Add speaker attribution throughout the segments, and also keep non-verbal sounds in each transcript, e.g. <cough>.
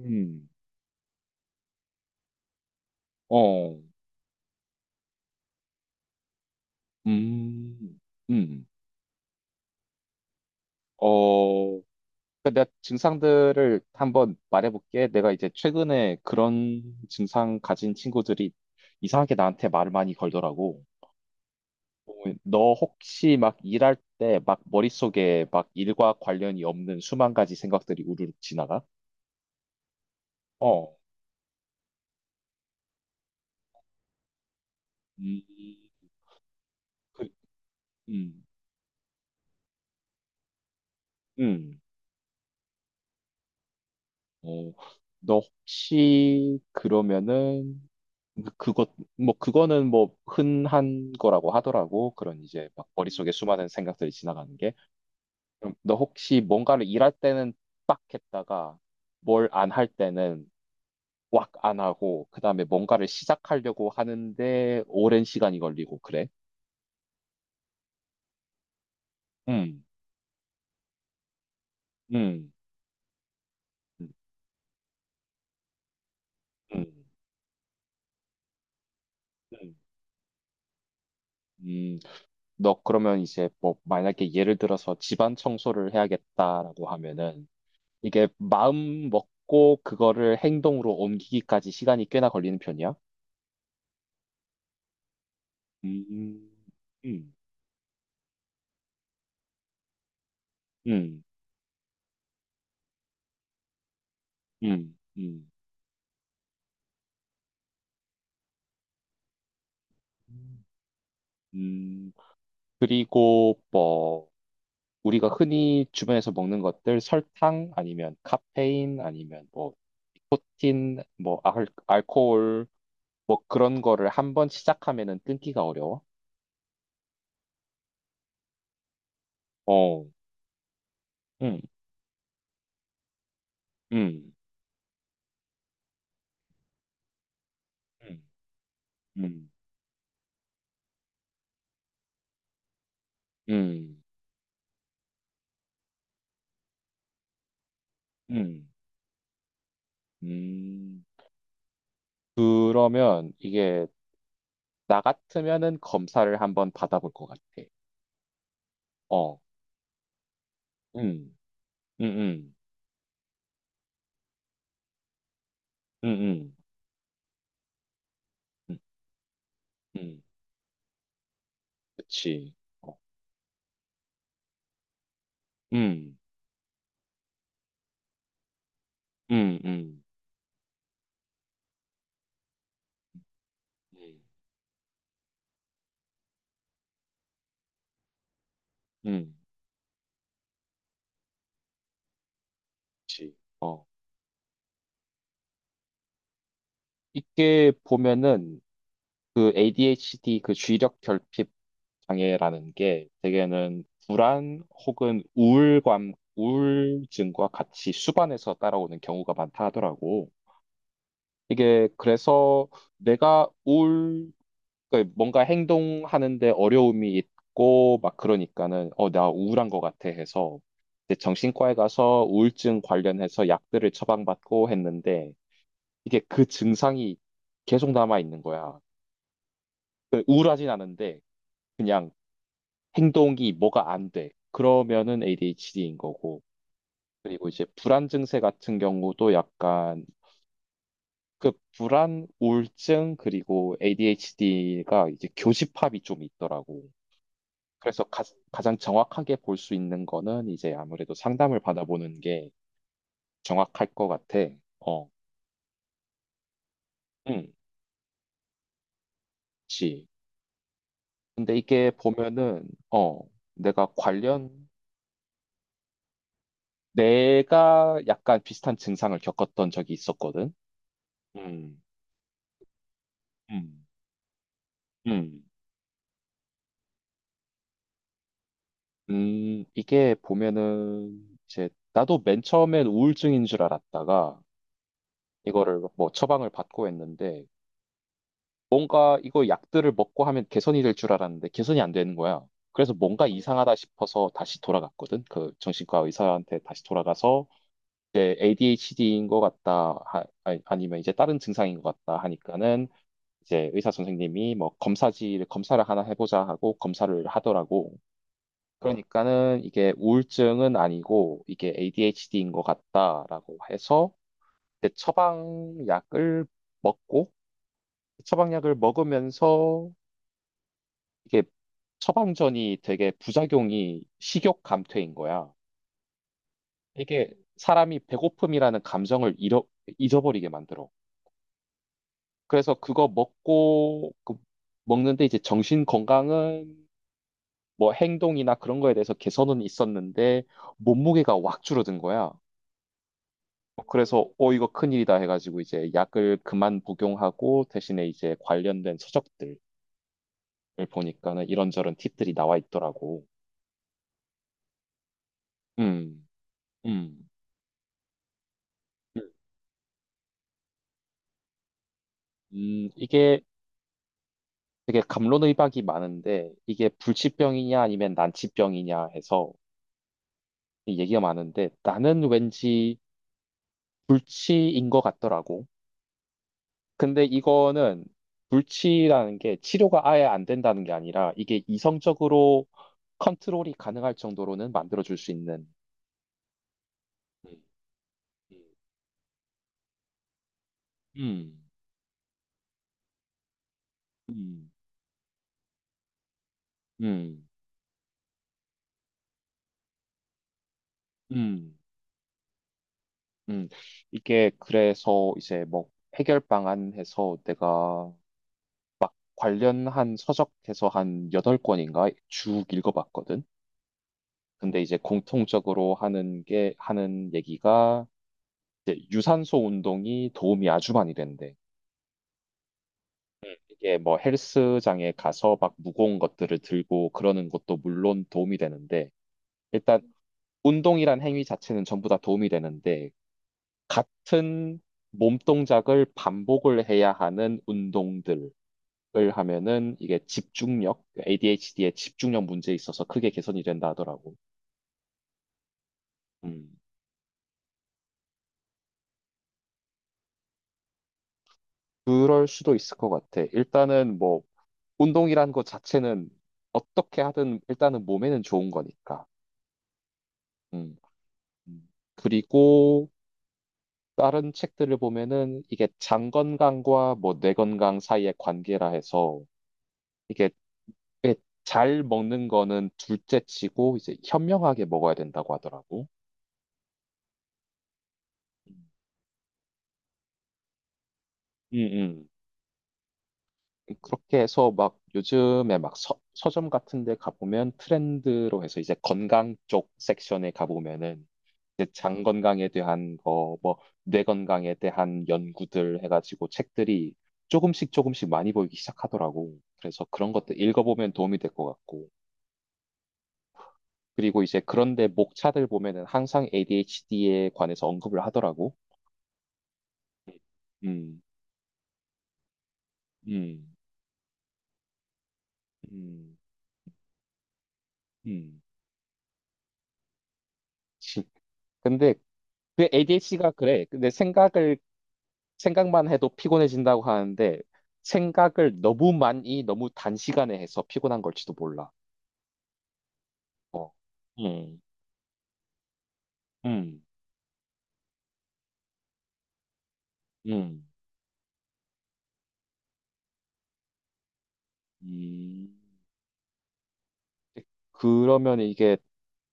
Speaker 1: 음, 어, 음, 음, 어, 그러니까 내가 증상들을 한번 말해볼게. 내가 이제 최근에 그런 증상 가진 친구들이 이상하게 나한테 말을 많이 걸더라고. 어, 너 혹시 막 일할 때 막 머릿속에 막 일과 관련이 없는 수만 가지 생각들이 우르르 지나가? 어, 음, 그, 음, 음, 어, 너 혹시 그러면은 그것 뭐 그거는 뭐 흔한 거라고 하더라고. 그런 이제 막 머릿속에 수많은 생각들이 지나가는 게. 그럼 너 혹시 뭔가를 일할 때는 빡 했다가 뭘 안 할 때는 꽉 안 하고 그다음에 뭔가를 시작하려고 하는데 오랜 시간이 걸리고 그래? 음. 음. 음. 음. 음. 음. 너 그러면 이제 뭐 만약에 예를 들어서 집안 청소를 해야겠다라고 하면은 이게 마음 먹고 그거를 행동으로 옮기기까지 시간이 꽤나 걸리는 편이야. 음, 음, 음, 음, 음. 음, 그리고 뭐 우리가 흔히 주변에서 먹는 것들 설탕 아니면 카페인 아니면 뭐 니코틴 뭐 알코올 뭐 그런 거를 한번 시작하면은 끊기가 어려워. 어, 음, 음, 음, 음, 음, 음, 음. 그러면 이게 나 같으면은 검사를 한번 받아볼 것 같아. 어, 음, 음, 음, 음, 음, 음, 음, 그치. 어, 음, 음, 음, 음, 음, 음, 그치. 어, 이게 보면은 그 ADHD 그 주의력 결핍 장애라는 게 대개는 불안 혹은 우울감, 우울증과 같이 수반해서 따라오는 경우가 많다 하더라고. 이게 그래서 내가 그 뭔가 행동하는데 어려움이 있고 막 그러니까는 어, 나 우울한 것 같아 해서 이제 정신과에 가서 우울증 관련해서 약들을 처방받고 했는데 이게 그 증상이 계속 남아 있는 거야. 그 우울하진 않은데 그냥 행동이 뭐가 안 돼. 그러면은 ADHD인 거고. 그리고 이제 불안 증세 같은 경우도 약간 그 불안, 우울증 그리고 ADHD가 이제 교집합이 좀 있더라고. 그래서 장 정확하게 볼 수 있는 거는 이제 아무래도 상담을 받아보는 게 정확할 것 같아. 어, 응, 그치. 근데 이게 보면은, 어, 내가 관련, 내가 약간 비슷한 증상을 겪었던 적이 있었거든. 음, 음, 음, 이게 보면은, 이제, 나도 맨 처음엔 우울증인 줄 알았다가, 이거를 뭐 처방을 받고 했는데, 뭔가 이거 약들을 먹고 하면 개선이 될 줄 알았는데 개선이 안 되는 거야. 그래서 뭔가 이상하다 싶어서 다시 돌아갔거든. 그 정신과 의사한테 다시 돌아가서 이제 ADHD인 것 같다, 아니면 이제 다른 증상인 것 같다 하니까는 이제 의사 선생님이 뭐 검사지를 검사를 하나 해보자 하고 검사를 하더라고. 그러니까는 이게 우울증은 아니고 이게 ADHD인 것 같다라고 해서 이제 처방약을 먹고 처방약을 먹으면서 이게 처방전이 되게 부작용이 식욕 감퇴인 거야. 이게 사람이 배고픔이라는 감정을 잊어버리게 만들어. 그래서 그거 먹고 그 먹는데 이제 정신 건강은 뭐 행동이나 그런 거에 대해서 개선은 있었는데 몸무게가 확 줄어든 거야. 그래서 어 이거 큰일이다 해가지고 이제 약을 그만 복용하고 대신에 이제 관련된 서적들을 보니까는 이런저런 팁들이 나와 있더라고. 음, 음. 음, 이게 되게 갑론의박이 많은데 이게 불치병이냐 아니면 난치병이냐 해서 얘기가 많은데 나는 왠지 불치인 것 같더라고. 근데 이거는 불치라는 게 치료가 아예 안 된다는 게 아니라 이게 이성적으로 컨트롤이 가능할 정도로는 만들어줄 수 있는 음, 음, 음, 음, 음, 음, 음. 이게 그래서 이제 뭐 해결 방안해서 내가 관련한 서적에서 한 8권인가 쭉 읽어봤거든. 근데 이제 공통적으로 하는 게, 하는 얘기가 이제 유산소 운동이 도움이 아주 많이 된대. 이게 뭐 헬스장에 가서 막 무거운 것들을 들고 그러는 것도 물론 도움이 되는데, 일단 운동이란 행위 자체는 전부 다 도움이 되는데, 같은 몸 동작을 반복을 해야 하는 운동들, 을 하면은 이게 집중력, ADHD의 집중력 문제에 있어서 크게 개선이 된다 하더라고. 음, 그럴 수도 있을 것 같아. 일단은 뭐 운동이라는 것 자체는 어떻게 하든 일단은 몸에는 좋은 거니까. 음. 음. 그리고 다른 책들을 보면은 이게 장 건강과 뭐 뇌 건강 사이의 관계라 해서 이게 꽤잘 먹는 거는 둘째 치고 이제 현명하게 먹어야 된다고 하더라고. 음, 음. 그렇게 해서 막 요즘에 막 서점 같은 데 가보면 트렌드로 해서 이제 건강 쪽 섹션에 가보면은 이제 장 건강에 대한 거, 뭐 뇌 건강에 대한 연구들 해가지고 책들이 조금씩 조금씩 많이 보이기 시작하더라고. 그래서 그런 것들 읽어보면 도움이 될 것 같고. 그리고 이제 그런데 목차들 보면은 항상 ADHD에 관해서 언급을 하더라고. 음, 음, 음, 음. <laughs> 지- 근데 그 ADHD가 그래. 근데 생각을 생각만 해도 피곤해진다고 하는데 생각을 너무 많이 너무 단시간에 해서 피곤한 걸지도 몰라. 어. 음, 음, 음, 음. 그러면 이게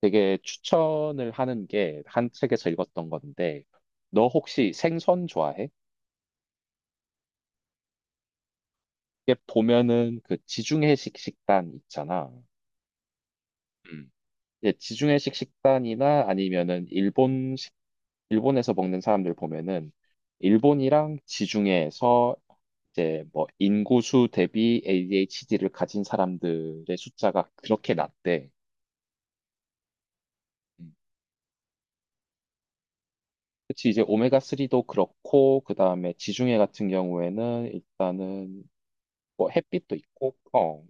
Speaker 1: 되게 추천을 하는 게 한 책에서 읽었던 건데 너 혹시 생선 좋아해? 이게 보면은 그 지중해식 식단 있잖아. 음. 예, 지중해식 식단이나 아니면은 일본식 일본에서 먹는 사람들 보면은 일본이랑 지중해에서 이제 뭐 인구수 대비 ADHD를 가진 사람들의 숫자가 그렇게 낮대. 음. 그치, 이제 오메가3도 그렇고, 그 다음에 지중해 같은 경우에는 일단은 뭐 햇빛도 있고, 어,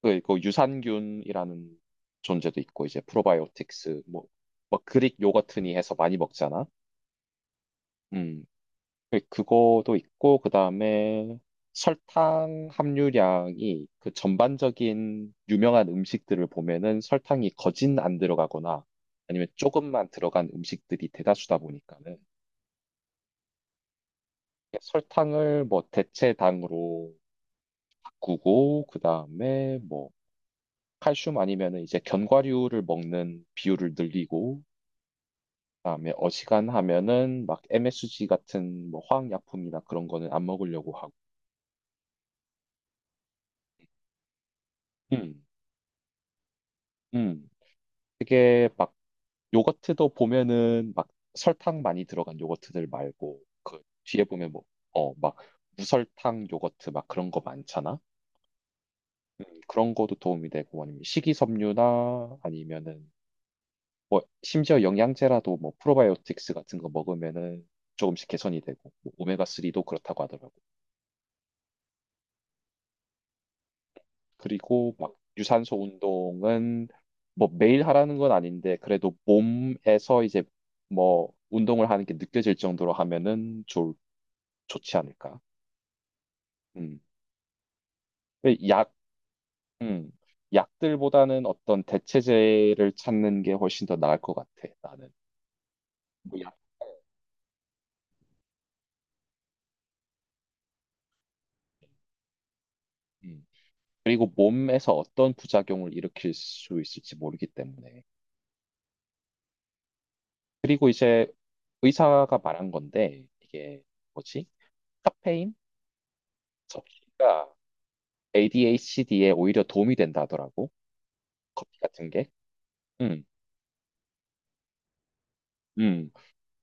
Speaker 1: 그 유산균이라는 존재도 있고, 이제 프로바이오틱스, 뭐, 뭐 그릭 요거트니 해서 많이 먹잖아. 음. 그거도 있고 그다음에 설탕 함유량이 그 전반적인 유명한 음식들을 보면은 설탕이 거진 안 들어가거나 아니면 조금만 들어간 음식들이 대다수다 보니까는 설탕을 뭐 대체당으로 바꾸고 그다음에 뭐 칼슘 아니면은 이제 견과류를 먹는 비율을 늘리고 그다음에 어지간하면은 막 MSG 같은 뭐 화학약품이나 그런 거는 안 먹으려고 하고 음, 음. 되게 막 요거트도 보면은 막 설탕 많이 들어간 요거트들 말고 그 뒤에 보면 뭐, 어, 막 무설탕 요거트 막 그런 거 많잖아? 그런 거도 도움이 되고 아니면 식이섬유나 아니면은 뭐 심지어 영양제라도 뭐 프로바이오틱스 같은 거 먹으면은 조금씩 개선이 되고 오메가3도 그렇다고 하더라고. 그리고 막 유산소 운동은 뭐 매일 하라는 건 아닌데 그래도 몸에서 이제 뭐 운동을 하는 게 느껴질 정도로 하면은 좋 좋지 않을까. 음. 근데 약, 음. 약들보다는 어떤 대체제를 찾는 게 훨씬 더 나을 것 같아. 나는. 뭐 약. 음. 그리고 몸에서 어떤 부작용을 일으킬 수 있을지 모르기 때문에. 그리고 이제 의사가 말한 건데 이게 뭐지? 카페인 섭취가 ADHD에 오히려 도움이 된다 하더라고. 커피 같은 게. 음, 음.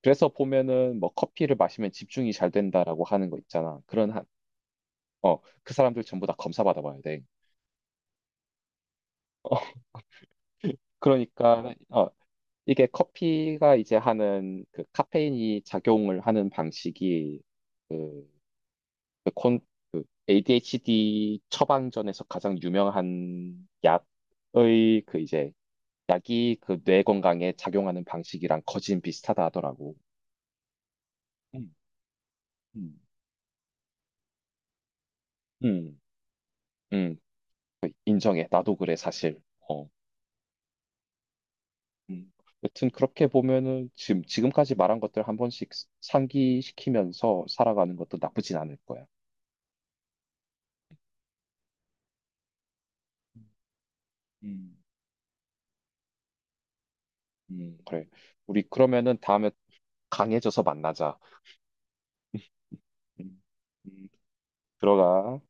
Speaker 1: 그래서 보면은 뭐 커피를 마시면 집중이 잘 된다라고 하는 거 있잖아. 그런 한, 어, 그 사람들 전부 다 검사 받아봐야 돼. 어, 그러니까, 어, 이게 커피가 이제 하는 그 카페인이 작용을 하는 방식이 그, 그 콘, 그 ADHD 처방전에서 가장 유명한 약의 그 이제 약이 그 뇌 건강에 작용하는 방식이랑 거진 비슷하다 하더라고. 음, 음, 음, 음, 인정해. 나도 그래, 사실. 어. 음, 여튼 그렇게 보면은 지금까지 말한 것들 한 번씩 상기시키면서 살아가는 것도 나쁘진 않을 거야. 음. 그래. 우리 그러면은 다음에 강해져서 만나자. 음, 음. 들어가.